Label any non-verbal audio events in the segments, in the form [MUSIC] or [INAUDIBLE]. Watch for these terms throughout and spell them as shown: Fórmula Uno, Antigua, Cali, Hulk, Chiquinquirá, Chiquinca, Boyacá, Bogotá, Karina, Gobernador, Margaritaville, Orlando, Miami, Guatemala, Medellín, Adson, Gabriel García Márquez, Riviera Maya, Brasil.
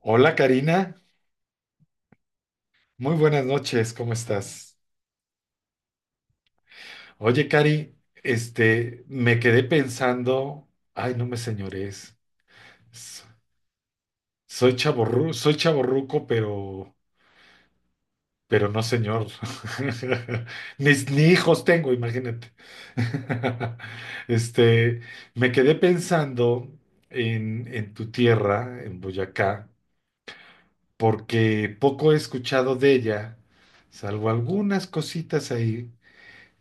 Hola Karina, muy buenas noches, ¿cómo estás? Oye Cari, me quedé pensando. Ay, no me señores, soy chaborru, soy chaborruco pero no señor. [LAUGHS] Ni hijos tengo, imagínate. [LAUGHS] Este, me quedé pensando en tu tierra, en Boyacá, porque poco he escuchado de ella, salvo algunas cositas ahí.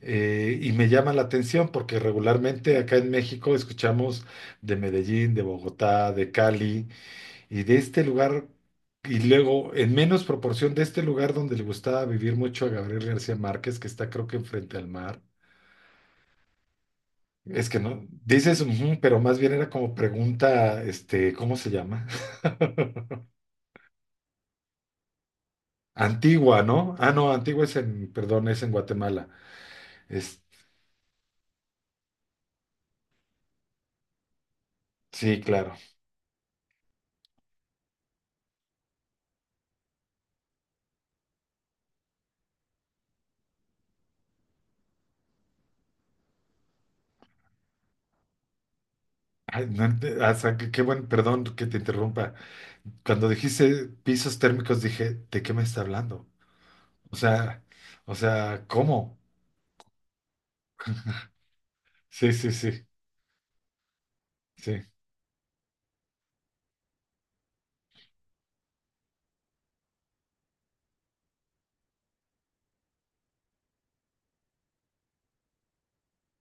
Y me llama la atención porque regularmente acá en México escuchamos de Medellín, de Bogotá, de Cali y de este lugar, y luego en menos proporción de este lugar donde le gustaba vivir mucho a Gabriel García Márquez, que está creo que enfrente al mar. Es que no, dices, "Ujú", pero más bien era como pregunta, este, ¿cómo se llama? [LAUGHS] Antigua, ¿no? Ah, no, Antigua es en, perdón, es en Guatemala. Es, sí, claro. Ay, no ent- O sea, qué buen, perdón que te interrumpa. Cuando dijiste pisos térmicos, dije, ¿de qué me está hablando? O sea, o sea, ¿cómo? Sí, sí, sí, sí,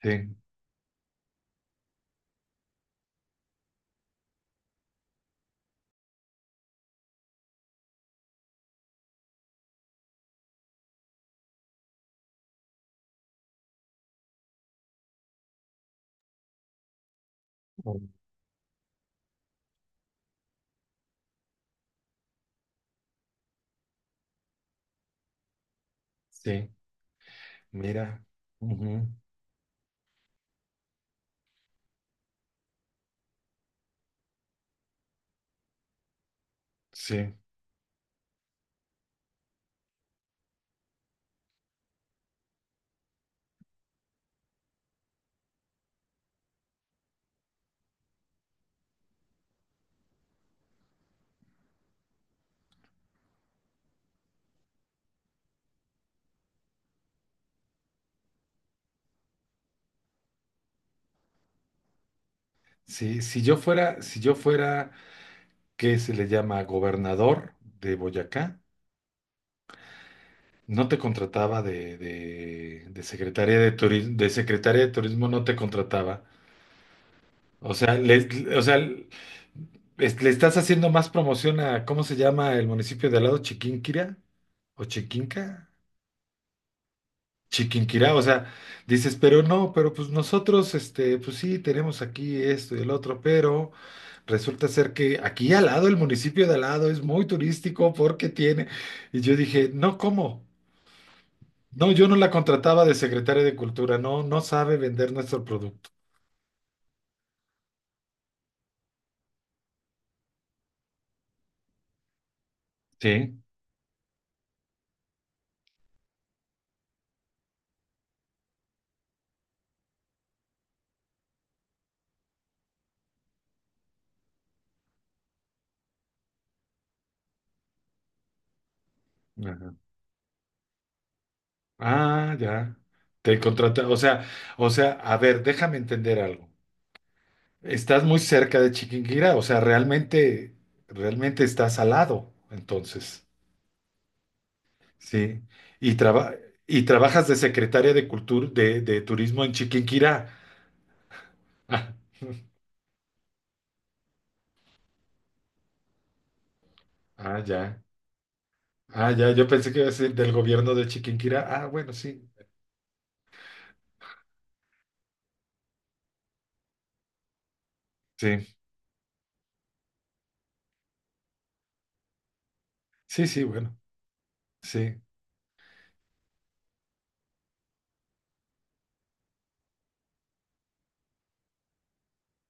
sí, um, sí, mira, ujú, sí, sí, si yo fuera, ¿qué se le llama? Gobernador de Boyacá, no te contrataba de secretaria de turismo, de secretaria de turismo no te contrataba. O sea, o sea, le estás haciendo más promoción a, ¿cómo se llama el municipio de al lado? ¿Chiquinquirá? ¿O Chiquinca? Chiquinquirá, o sea, dices, pero no, pero pues nosotros, este, pues sí, tenemos aquí esto y el otro, pero resulta ser que aquí al lado, el municipio de al lado es muy turístico porque tiene, y yo dije, no, ¿cómo? No, yo no la contrataba de secretaria de cultura, no, no sabe vender nuestro producto. Sí. Ah, ya. Te contrata, o sea, a ver, déjame entender algo. Estás muy cerca de Chiquinquirá, realmente estás al lado, entonces, sí. Y traba- y trabajas de secretaria de cultura, de turismo en Chiquinquirá. Ah, ah, ya. Ah, ya. Yo pensé que iba a ser del gobierno de Chiquinquirá. Ah, bueno, sí. Sí, sí, sí, bueno, sí.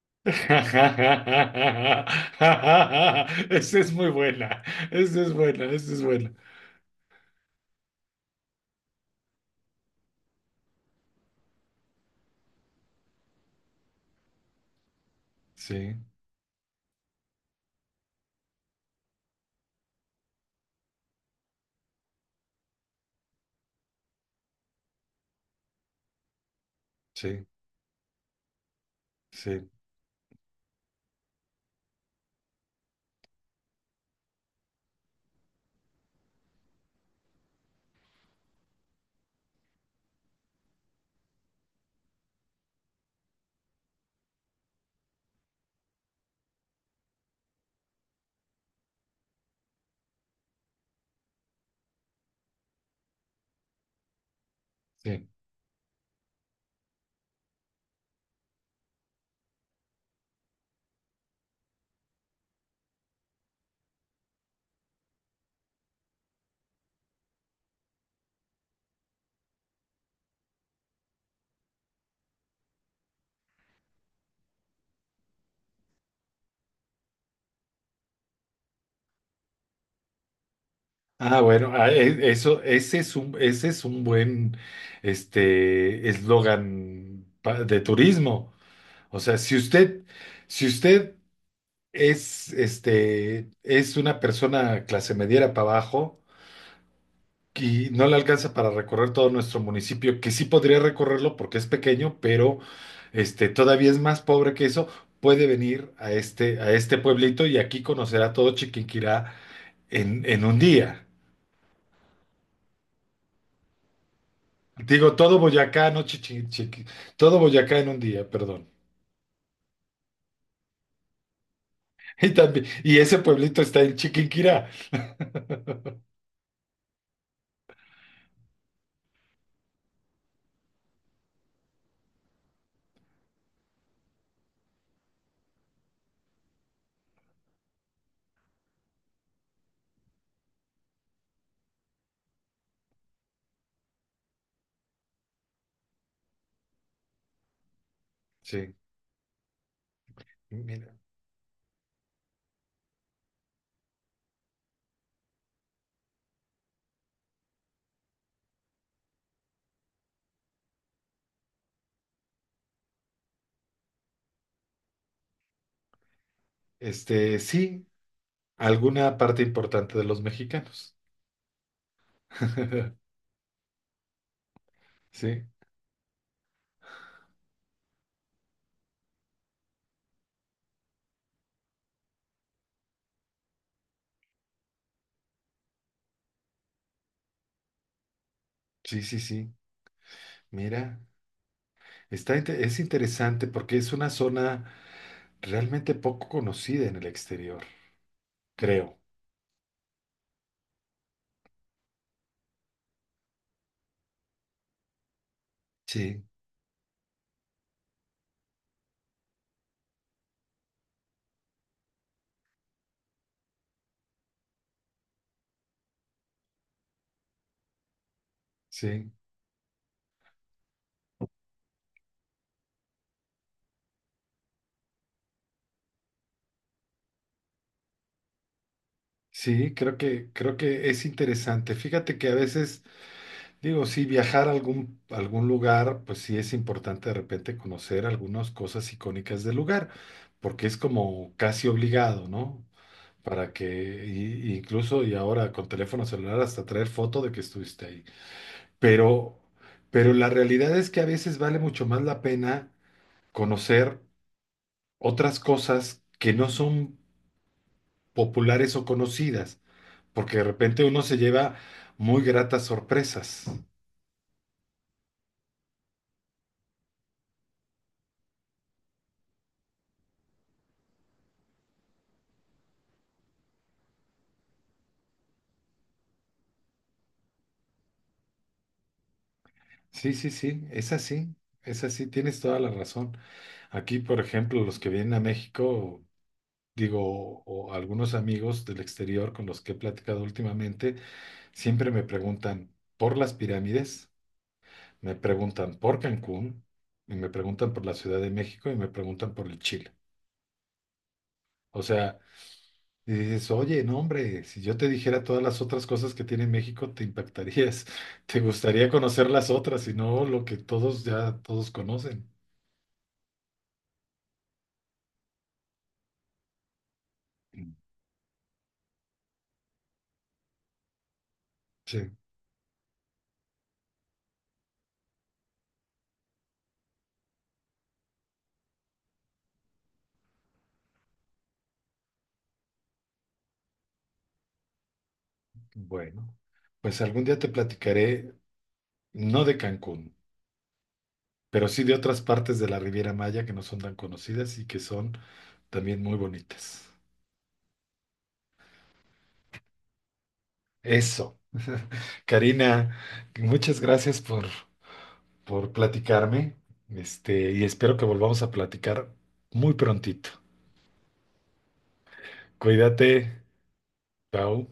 [LAUGHS] Esa es muy buena. Esa es buena, esa es buena. Sí, sí, sí, sí. Ah, bueno, eso, ese es un buen, este, eslogan de turismo. O sea, si usted este, es una persona clase mediera para abajo y no le alcanza para recorrer todo nuestro municipio, que sí podría recorrerlo porque es pequeño, pero, este, todavía es más pobre que eso, puede venir a a este pueblito y aquí conocerá todo Chiquinquirá en un día. Digo, todo Boyacá, no Chichi- Chiqui- todo Boyacá en un día, perdón. [LAUGHS] Y también, y ese pueblito está en Chiquinquirá. Sí, mira, este, sí, alguna parte importante de los mexicanos. [LAUGHS] Sí, sí, sí, sí. Mira, es interesante porque es una zona realmente poco conocida en el exterior, creo. Sí, sí, sí, creo que es interesante. Fíjate que a veces digo, sí, viajar a a algún lugar, pues sí es importante de repente conocer algunas cosas icónicas del lugar, porque es como casi obligado, ¿no? Para que, y incluso y ahora con teléfono celular hasta traer foto de que estuviste ahí. Pero, pero la realidad es que a veces vale mucho más la pena conocer otras cosas que no son populares o conocidas, porque de repente uno se lleva muy gratas sorpresas. Sí, sí, sí, es así, tienes toda la razón. Aquí, por ejemplo, los que vienen a México, digo, o algunos amigos del exterior con los que he platicado últimamente, siempre me preguntan por las pirámides, me preguntan por Cancún, y me preguntan por la Ciudad de México y me preguntan por el Chile. O sea, y dices, oye, no, hombre, si yo te dijera todas las otras cosas que tiene México, te impactarías, [LAUGHS] te gustaría conocer las otras y no lo que todos ya, todos conocen. Sí. Bueno, pues algún día te platicaré, no de Cancún, pero sí de otras partes de la Riviera Maya que no son tan conocidas y que son también muy bonitas. Eso. Karina, muchas gracias por platicarme, este, y espero que volvamos a platicar muy prontito. Cuídate. Chao.